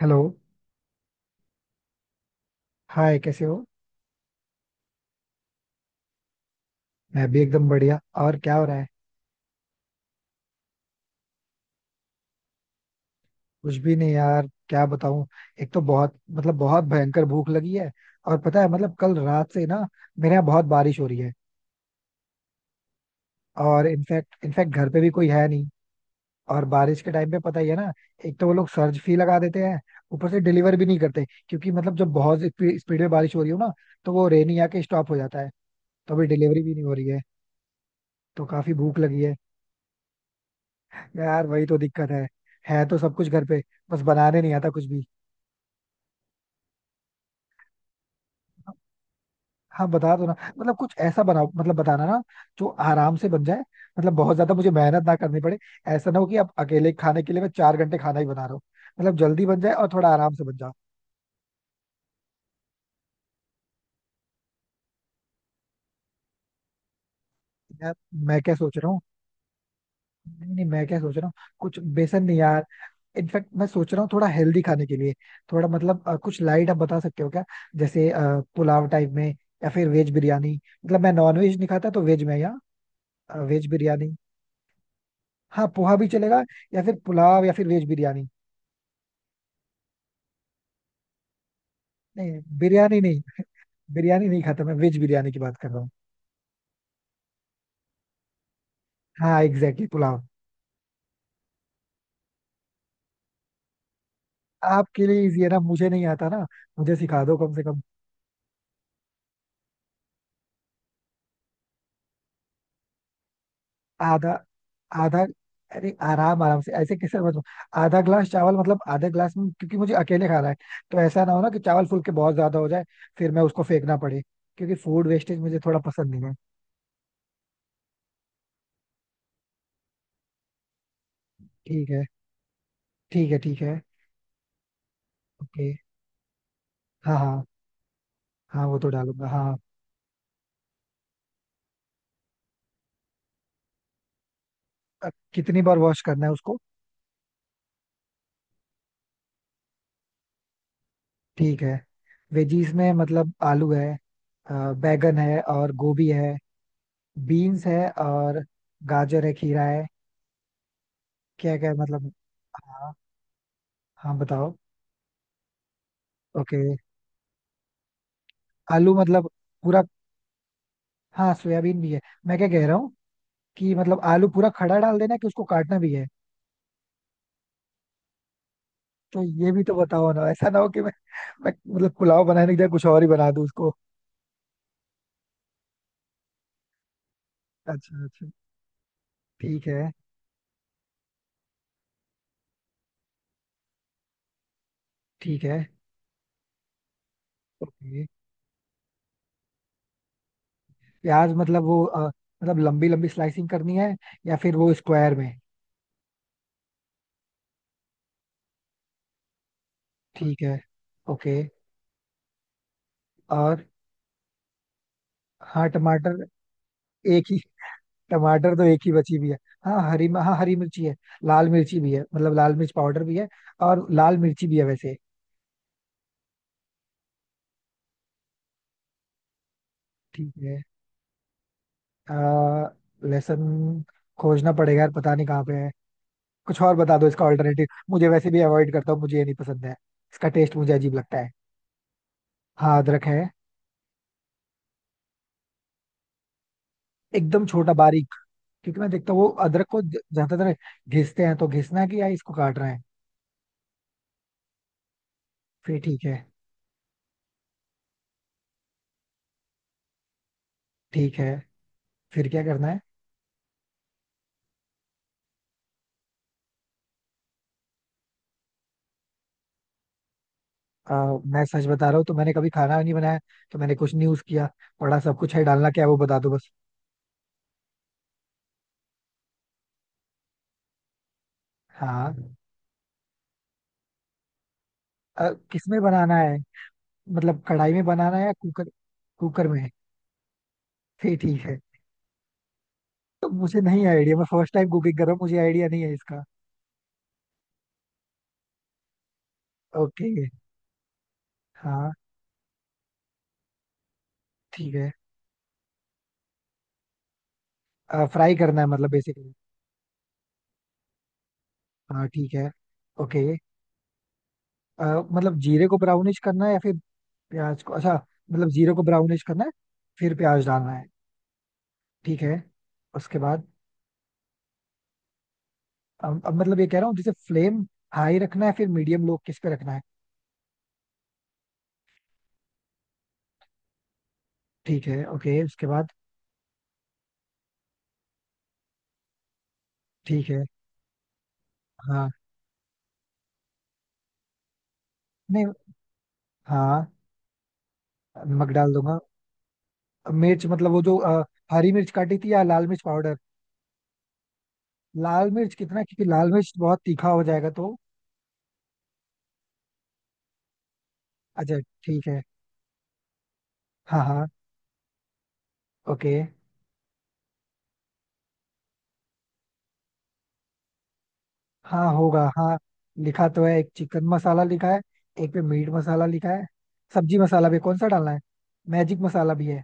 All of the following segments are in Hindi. हेलो। हाय, कैसे हो? मैं भी एकदम बढ़िया। और क्या हो रहा है? कुछ भी नहीं यार, क्या बताऊं। एक तो बहुत, मतलब, बहुत भयंकर भूख लगी है। और पता है, मतलब कल रात से ना, मेरे यहाँ बहुत बारिश हो रही है। और इनफैक्ट इनफैक्ट घर पे भी कोई है नहीं। और बारिश के टाइम पे पता ही है ना, एक तो वो लोग सर्ज फी लगा देते हैं। ऊपर से डिलीवर भी नहीं करते, क्योंकि मतलब जब बहुत स्पीड में बारिश हो रही हो ना, तो वो रेनी आके स्टॉप हो जाता है। तो अभी डिलीवरी भी नहीं हो रही है। तो काफी भूख लगी है। यार, वही तो दिक्कत है। है तो सब कुछ घर पे, बस बनाने नहीं आता कुछ भी। हाँ, बता दो ना, मतलब कुछ ऐसा बनाओ, मतलब बताना ना, जो आराम से बन जाए। मतलब बहुत ज्यादा मुझे मेहनत ना करनी पड़े। ऐसा ना हो कि अब अकेले खाने के लिए मैं 4 घंटे खाना ही बना रहा हूँ। मतलब जल्दी बन जाए और थोड़ा आराम से बन जाए। यार, मैं क्या सोच रहा हूँ। नहीं नहीं, मैं क्या सोच रहा हूँ। कुछ बेसन नहीं यार। इनफैक्ट मैं सोच रहा हूँ, थोड़ा हेल्दी खाने के लिए। थोड़ा मतलब कुछ लाइट आप बता सकते हो क्या? जैसे पुलाव टाइप में, या फिर वेज बिरयानी। मतलब मैं नॉन वेज नहीं खाता, तो वेज में या वेज बिरयानी। हाँ, पोहा भी चलेगा, या फिर पुलाव या फिर वेज बिरयानी। नहीं, बिरयानी नहीं। बिरयानी नहीं खाता, मैं वेज बिरयानी की बात कर रहा हूँ। हाँ एग्जैक्टली exactly, पुलाव। आपके लिए इजी है ना, मुझे नहीं आता ना। मुझे सिखा दो कम से कम। आधा? आधा? अरे, आराम आराम से, ऐसे कैसे मतलब। आधा ग्लास चावल, मतलब आधा ग्लास में, क्योंकि मुझे अकेले खाना है। तो ऐसा ना हो ना कि चावल फूल के बहुत ज्यादा हो जाए, फिर मैं उसको फेंकना पड़े। क्योंकि फूड वेस्टेज मुझे थोड़ा पसंद नहीं है। ठीक है। ठीक है। ठीक है। ओके। हाँ, हाँ। हाँ, वो तो डालूंगा, हाँ। कितनी बार वॉश करना है उसको? ठीक है। वेजीज में मतलब आलू है, अ, बैगन है, और गोभी है। बीन्स है, और गाजर है, खीरा है। क्या क्या है मतलब। हाँ हाँ, बताओ। ओके। आलू मतलब, पूरा? हाँ, सोयाबीन भी है। मैं क्या कह रहा हूँ कि मतलब आलू पूरा खड़ा डाल देना है कि उसको काटना भी है? तो ये भी तो बताओ ना, ऐसा ना हो कि मैं मतलब पुलाव बनाने की जगह कुछ और ही बना दूँ उसको। अच्छा, अच्छा। ठीक है। ठीक है। ओके। प्याज मतलब वो, मतलब लंबी लंबी स्लाइसिंग करनी है, या फिर वो स्क्वायर में? ठीक है। ओके। और हाँ, टमाटर एक ही, टमाटर तो एक ही बची भी है। हाँ, हरी हाँ, हरी मिर्ची है। लाल मिर्ची भी है, मतलब लाल मिर्च पाउडर भी है। और लाल मिर्ची भी है वैसे। ठीक है। अ, लहसुन खोजना पड़ेगा यार, पता नहीं कहाँ पे है। कुछ और बता दो इसका ऑल्टरनेटिव, मुझे वैसे भी अवॉइड करता हूँ, मुझे ये नहीं पसंद है। इसका टेस्ट मुझे अजीब लगता है। हाँ, अदरक है। एकदम छोटा बारीक? क्योंकि मैं देखता हूँ वो अदरक को ज्यादातर घिसते हैं, तो घिसना है कि या इसको काट रहे हैं? फिर ठीक है। ठीक है, फिर क्या करना है? अ, मैं सच बता रहा हूँ, तो मैंने कभी खाना नहीं बनाया। तो मैंने कुछ नहीं यूज किया। पड़ा सब कुछ है, डालना क्या है वो बता दो बस। हाँ। किसमें बनाना है? मतलब कढ़ाई में बनाना है या कुकर? कुकर में? फिर ठीक है। तो मुझे नहीं आइडिया, मैं फर्स्ट टाइम कुकिंग कर रहा हूँ, मुझे आइडिया नहीं है इसका। ओके। हाँ। ठीक है। फ्राई करना है मतलब बेसिकली? हाँ, ठीक है। ओके। अ, मतलब जीरे को ब्राउनिश करना है या फिर प्याज को? अच्छा। मतलब जीरे को ब्राउनिश करना है, फिर प्याज डालना है। ठीक है। उसके बाद? अब मतलब ये कह रहा हूँ, जैसे फ्लेम हाई रखना है, फिर मीडियम लो, किस पे रखना है? ठीक है। ओके। उसके बाद? ठीक है। हाँ। नहीं। हाँ, नमक डाल दूंगा। मिर्च मतलब वो जो हरी मिर्च काटी थी, या लाल मिर्च पाउडर? लाल मिर्च कितना? क्योंकि लाल मिर्च बहुत तीखा हो जाएगा तो। अच्छा, ठीक है। हाँ हाँ। ओके। हाँ, होगा, हाँ। लिखा तो है, एक चिकन मसाला लिखा है। एक पे मीट मसाला लिखा है। सब्जी मसाला भी। कौन सा डालना है? मैजिक मसाला भी है।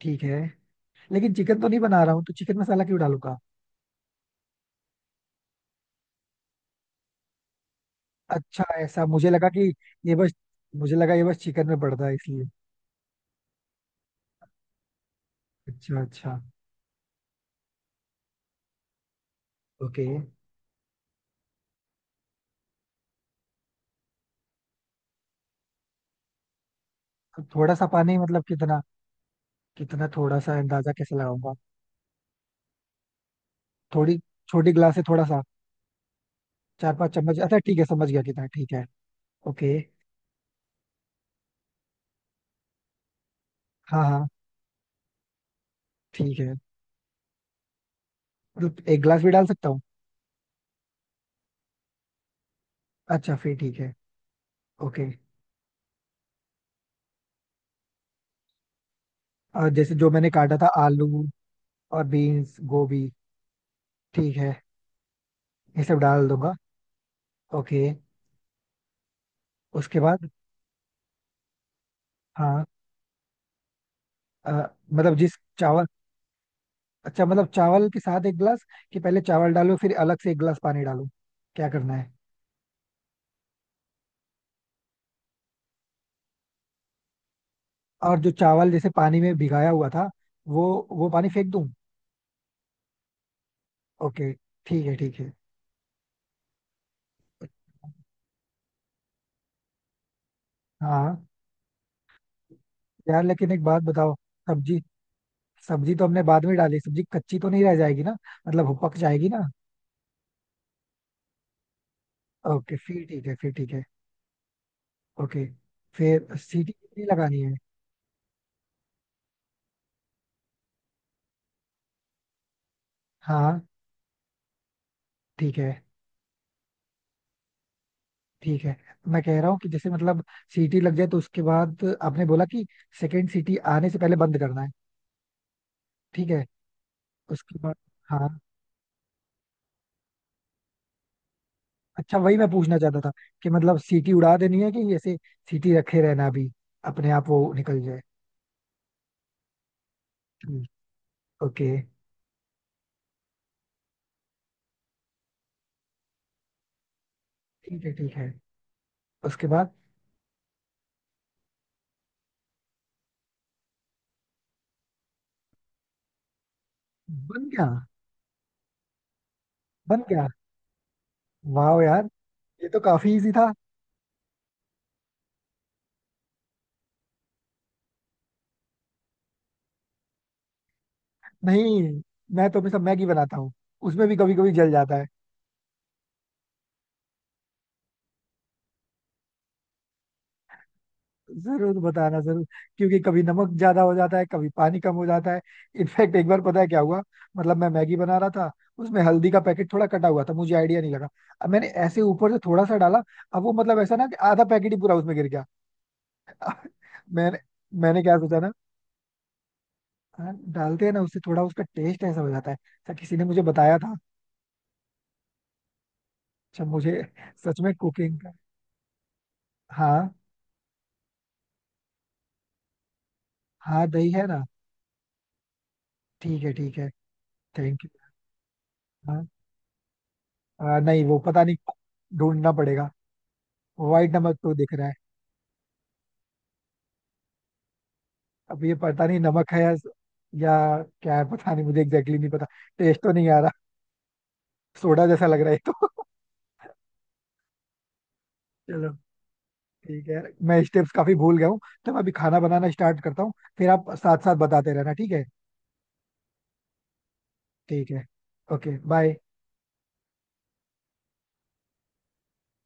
ठीक है। लेकिन चिकन तो नहीं बना रहा हूँ, तो चिकन मसाला क्यों डालूंगा? अच्छा, ऐसा मुझे लगा कि ये बस मुझे लगा ये बस चिकन में पड़ता है इसलिए। अच्छा, अच्छा। ओके। तो थोड़ा सा पानी, मतलब कितना? कितना थोड़ा सा, अंदाजा कैसे लगाऊंगा? थोड़ी छोटी गिलास से थोड़ा सा? 4-5 चम्मच, अच्छा ठीक है, समझ गया कितना, ठीक है। ओके। हाँ हाँ। ठीक है, मतलब एक गिलास भी डाल सकता हूँ? अच्छा, फिर ठीक है। ओके। और जैसे जो मैंने काटा था, आलू और बीन्स, गोभी। ठीक है, ये सब डाल दूंगा। ओके। उसके बाद? हाँ। अ, मतलब जिस चावल, अच्छा, मतलब चावल के साथ एक गिलास, कि पहले चावल डालो फिर अलग से एक गिलास पानी डालो, क्या करना है? और जो चावल जैसे पानी में भिगाया हुआ था, वो वो पानी फेंक दूं? ओके। ठीक है। ठीक है। हाँ। यार, लेकिन एक बात बताओ, सब्जी, सब्जी तो हमने बाद में डाली, सब्जी कच्ची तो नहीं रह जाएगी ना? मतलब वो पक जाएगी ना? ओके, फिर ठीक है। फिर ठीक है। ओके। फिर सीटी कितनी लगानी है? हाँ, ठीक है। ठीक है। मैं कह रहा हूँ कि जैसे मतलब सीटी लग जाए, तो उसके बाद आपने बोला कि सेकंड सीटी आने से पहले बंद करना है। ठीक है। उसके बाद? हाँ। अच्छा, वही मैं पूछना चाहता था कि मतलब सीटी उड़ा देनी है कि ऐसे सीटी रखे रहना, अभी अपने आप वो निकल जाए? ठीक। ओके। ठीक है। ठीक है। उसके बाद? बन गया? बन गया! वाह यार, ये तो काफी इजी था। नहीं, मैं तो हमेशा मैगी बनाता हूँ। उसमें भी कभी कभी जल जाता है। जरूर बताना, जरूर। क्योंकि कभी नमक ज्यादा हो जाता है, कभी पानी कम हो जाता है। इनफैक्ट एक बार पता है क्या हुआ, मतलब मैं मैगी बना रहा था, उसमें हल्दी का पैकेट थोड़ा कटा हुआ था, मुझे आइडिया नहीं लगा। अब मैंने ऐसे ऊपर से थोड़ा सा डाला। अब वो मतलब ऐसा ना कि आधा पैकेट ही पूरा उसमें गिर गया। मैंने मैंने क्या सोचा ना। हाँ, डालते हैं ना, उससे थोड़ा उसका टेस्ट ऐसा हो जाता है अच्छा, किसी ने मुझे बताया था। अच्छा, मुझे सच में कुकिंग का। हाँ। हाँ, दही है ना। ठीक है। ठीक है। Thank you. हाँ। नहीं वो पता नहीं, ढूंढना पड़ेगा। वाइट नमक तो दिख रहा है। अब ये पता नहीं नमक है या क्या है, पता नहीं, मुझे एग्जैक्टली exactly नहीं पता। टेस्ट तो नहीं आ रहा, सोडा जैसा लग रहा है ये तो। चलो, ठीक है। मैं स्टेप्स काफी भूल गया हूँ, तो मैं अभी खाना बनाना स्टार्ट करता हूँ, फिर आप साथ साथ बताते रहना, ठीक है? ठीक है। ओके। बाय।